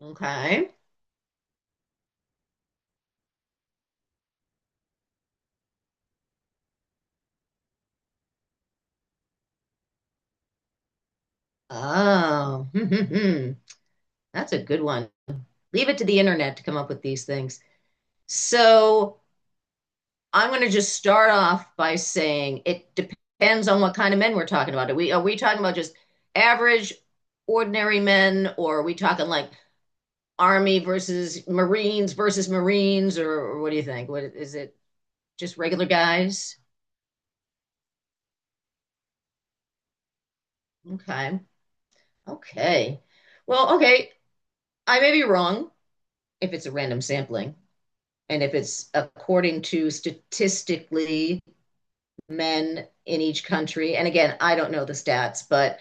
Okay. Oh, that's a good one. Leave it to the internet to come up with these things. So I'm going to just start off by saying it depends on what kind of men we're talking about. Are we talking about just average, ordinary men, or are we talking like Army versus Marines, or what do you think? What is it? Just regular guys? Okay. Okay. Well, okay. I may be wrong if it's a random sampling. And if it's according to statistically men in each country, and again, I don't know the stats, but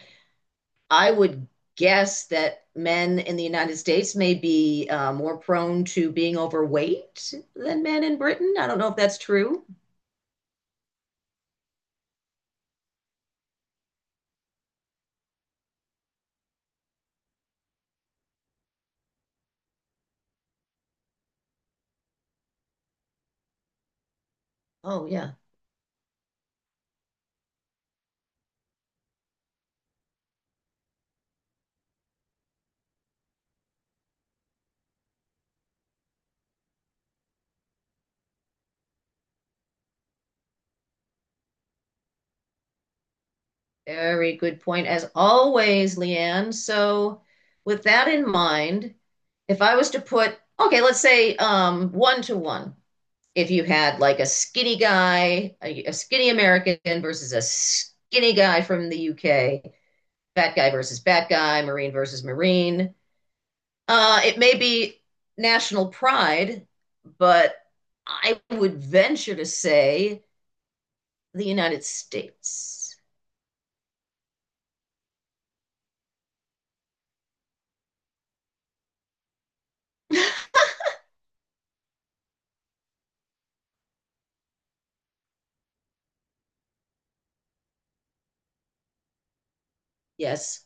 I would guess that men in the United States may be more prone to being overweight than men in Britain. I don't know if that's true. Oh, yeah. Very good point, as always, Leanne. So, with that in mind, if I was to put, okay, let's say one to one, if you had like a skinny guy, a skinny American versus a skinny guy from the UK, fat guy versus fat guy, Marine versus Marine. It may be national pride, but I would venture to say the United States. Yes.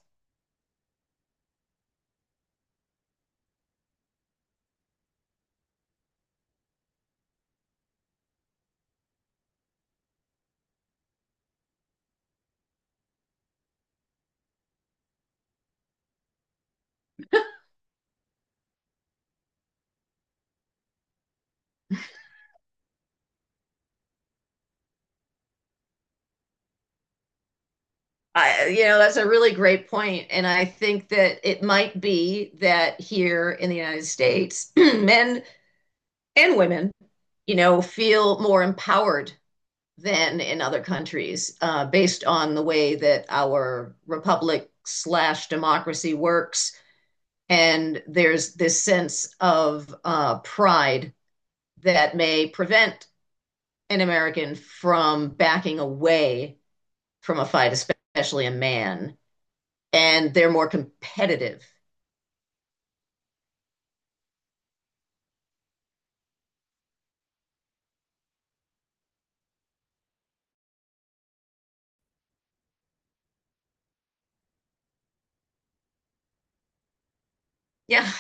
You know, that's a really great point, and I think that it might be that here in the United States, men and women, you know, feel more empowered than in other countries, based on the way that our republic slash democracy works. And there's this sense of pride that may prevent an American from backing away from a fight, especially a man. And they're more competitive. Yeah,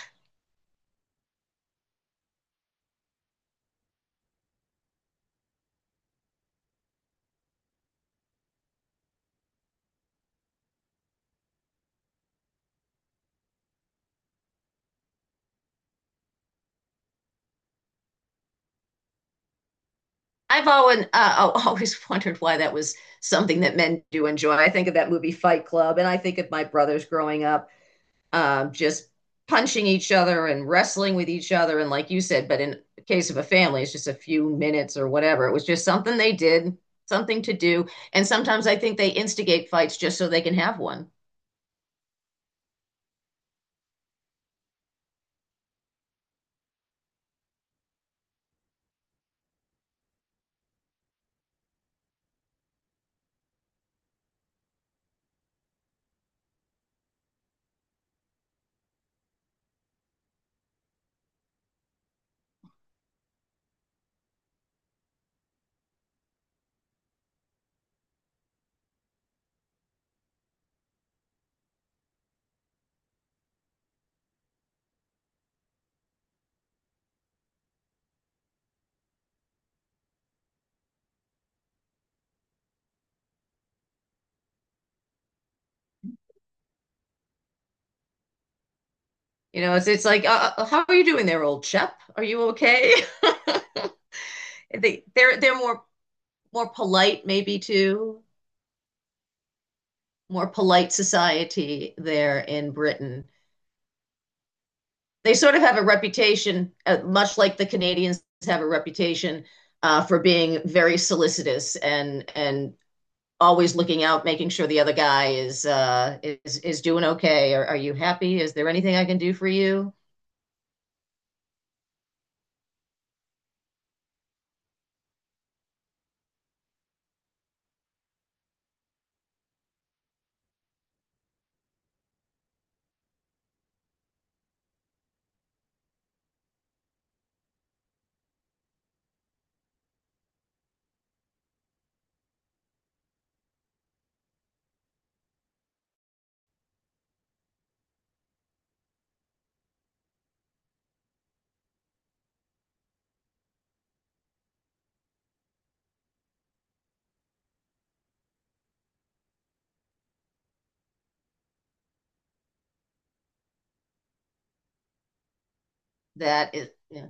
I've always always wondered why that was something that men do enjoy. I think of that movie Fight Club, and I think of my brothers growing up just punching each other and wrestling with each other. And like you said, but in the case of a family, it's just a few minutes or whatever. It was just something they did, something to do. And sometimes I think they instigate fights just so they can have one. You know, it's like, how are you doing there, old chap? Are you okay? They're more, more polite maybe too, more polite society there in Britain. They sort of have a reputation, much like the Canadians have a reputation for being very solicitous and always looking out, making sure the other guy is is doing okay. Are you happy? Is there anything I can do for you? That is, yeah.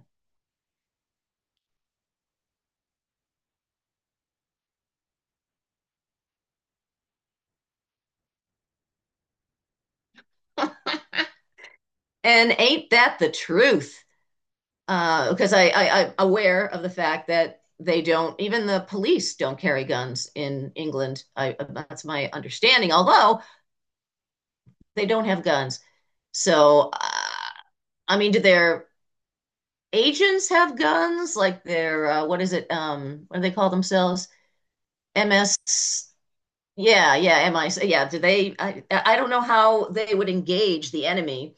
And ain't that the truth? Because I I'm aware of the fact that they don't even the police don't carry guns in England. I, that's my understanding. Although they don't have guns, so. I mean, do their agents have guns? Like their what is it? What do they call themselves? MS. Yeah, yeah, MI. Yeah, do they? I don't know how they would engage the enemy.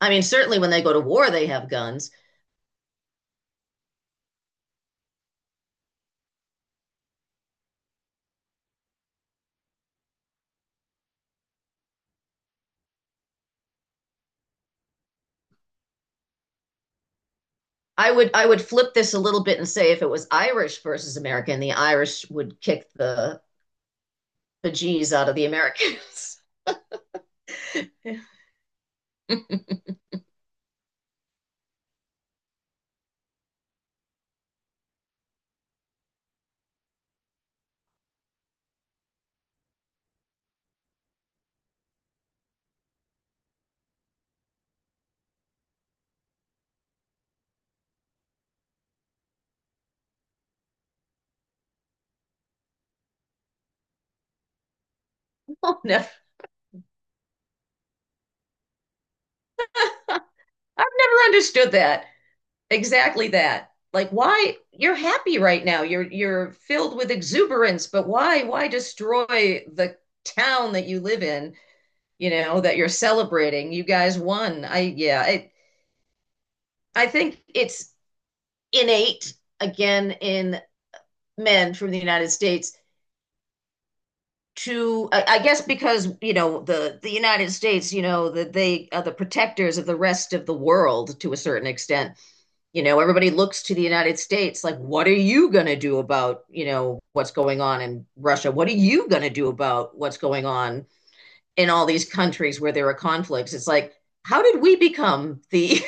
I mean, certainly when they go to war, they have guns. I would flip this a little bit and say if it was Irish versus American, the Irish would kick the bejeez out of the Americans. Oh no! I've never understood that. Exactly that. Like why you're happy right now. You're filled with exuberance, but why destroy the town that you live in, you know, that you're celebrating? You guys won. I yeah, I think it's innate again in men from the United States to I guess because you know the United States you know that they are the protectors of the rest of the world to a certain extent, you know, everybody looks to the United States like, what are you going to do about, you know, what's going on in Russia? What are you going to do about what's going on in all these countries where there are conflicts? It's like, how did we become the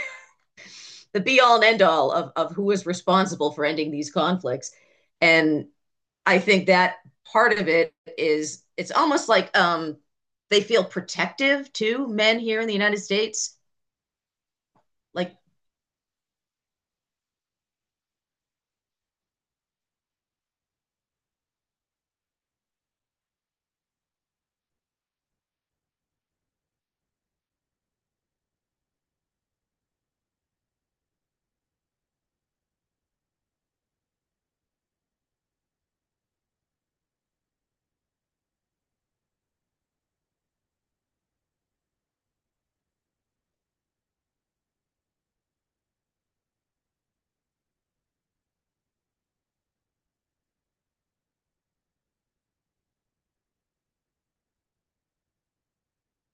the be all and end all of who is responsible for ending these conflicts? And I think that part of it is it's almost like they feel protective to men here in the United States. Like,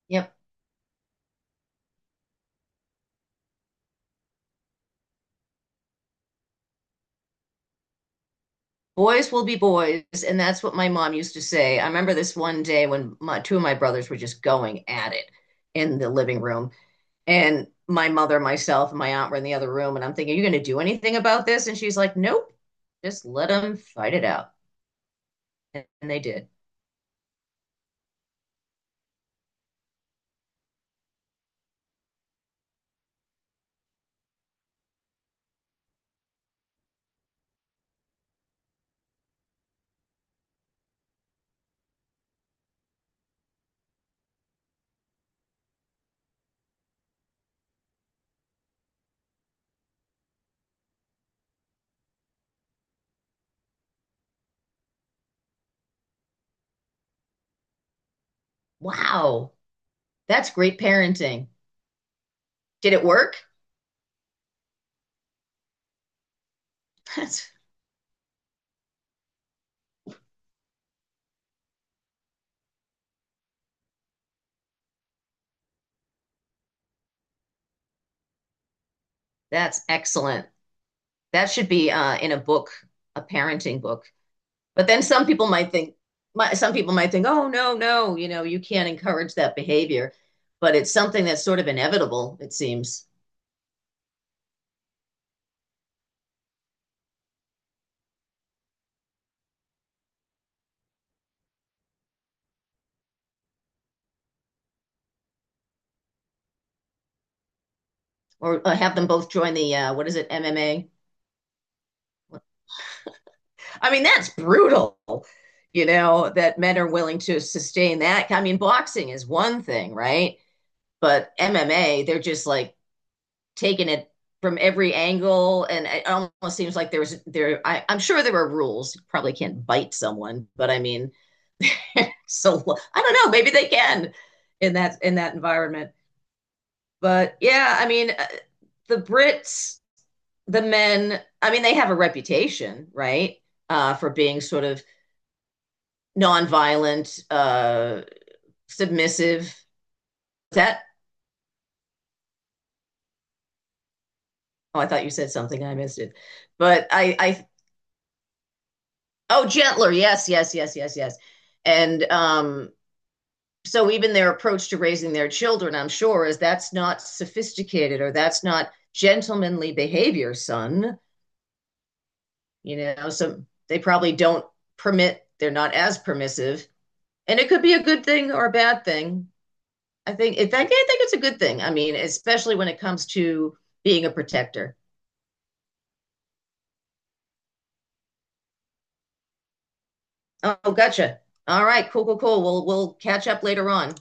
yep. Boys will be boys, and that's what my mom used to say. I remember this one day when my, two of my brothers were just going at it in the living room, and my mother, myself, and my aunt were in the other room, and I'm thinking, "Are you going to do anything about this?" And she's like, "Nope, just let them fight it out," and they did. Wow, that's great parenting. Did it work? That's that's excellent. That should be in a book, a parenting book. But then some people might think, my, some people might think, oh, no, no, you know, you can't encourage that behavior. But it's something that's sort of inevitable, it seems. Or have them both join the, what is it, MMA? I mean, that's brutal, you know, that men are willing to sustain that. I mean, boxing is one thing, right? But MMA, they're just like taking it from every angle and it almost seems like there was there I, I'm sure there are rules. You probably can't bite someone but I mean so I don't know. Maybe they can in that environment. But yeah, I mean, the Brits, the men. I mean, they have a reputation, right, for being sort of nonviolent, submissive. Is that? Oh, I thought you said something. And I missed it. But I. Oh, gentler. Yes, yes, yes, yes, yes. And so even their approach to raising their children, I'm sure, is that's not sophisticated or that's not gentlemanly behavior, son. You know so they probably don't permit, they're not as permissive and it could be a good thing or a bad thing. I think it's a good thing, I mean especially when it comes to being a protector. Oh, gotcha. All right, cool, cool, cool, we'll catch up later on.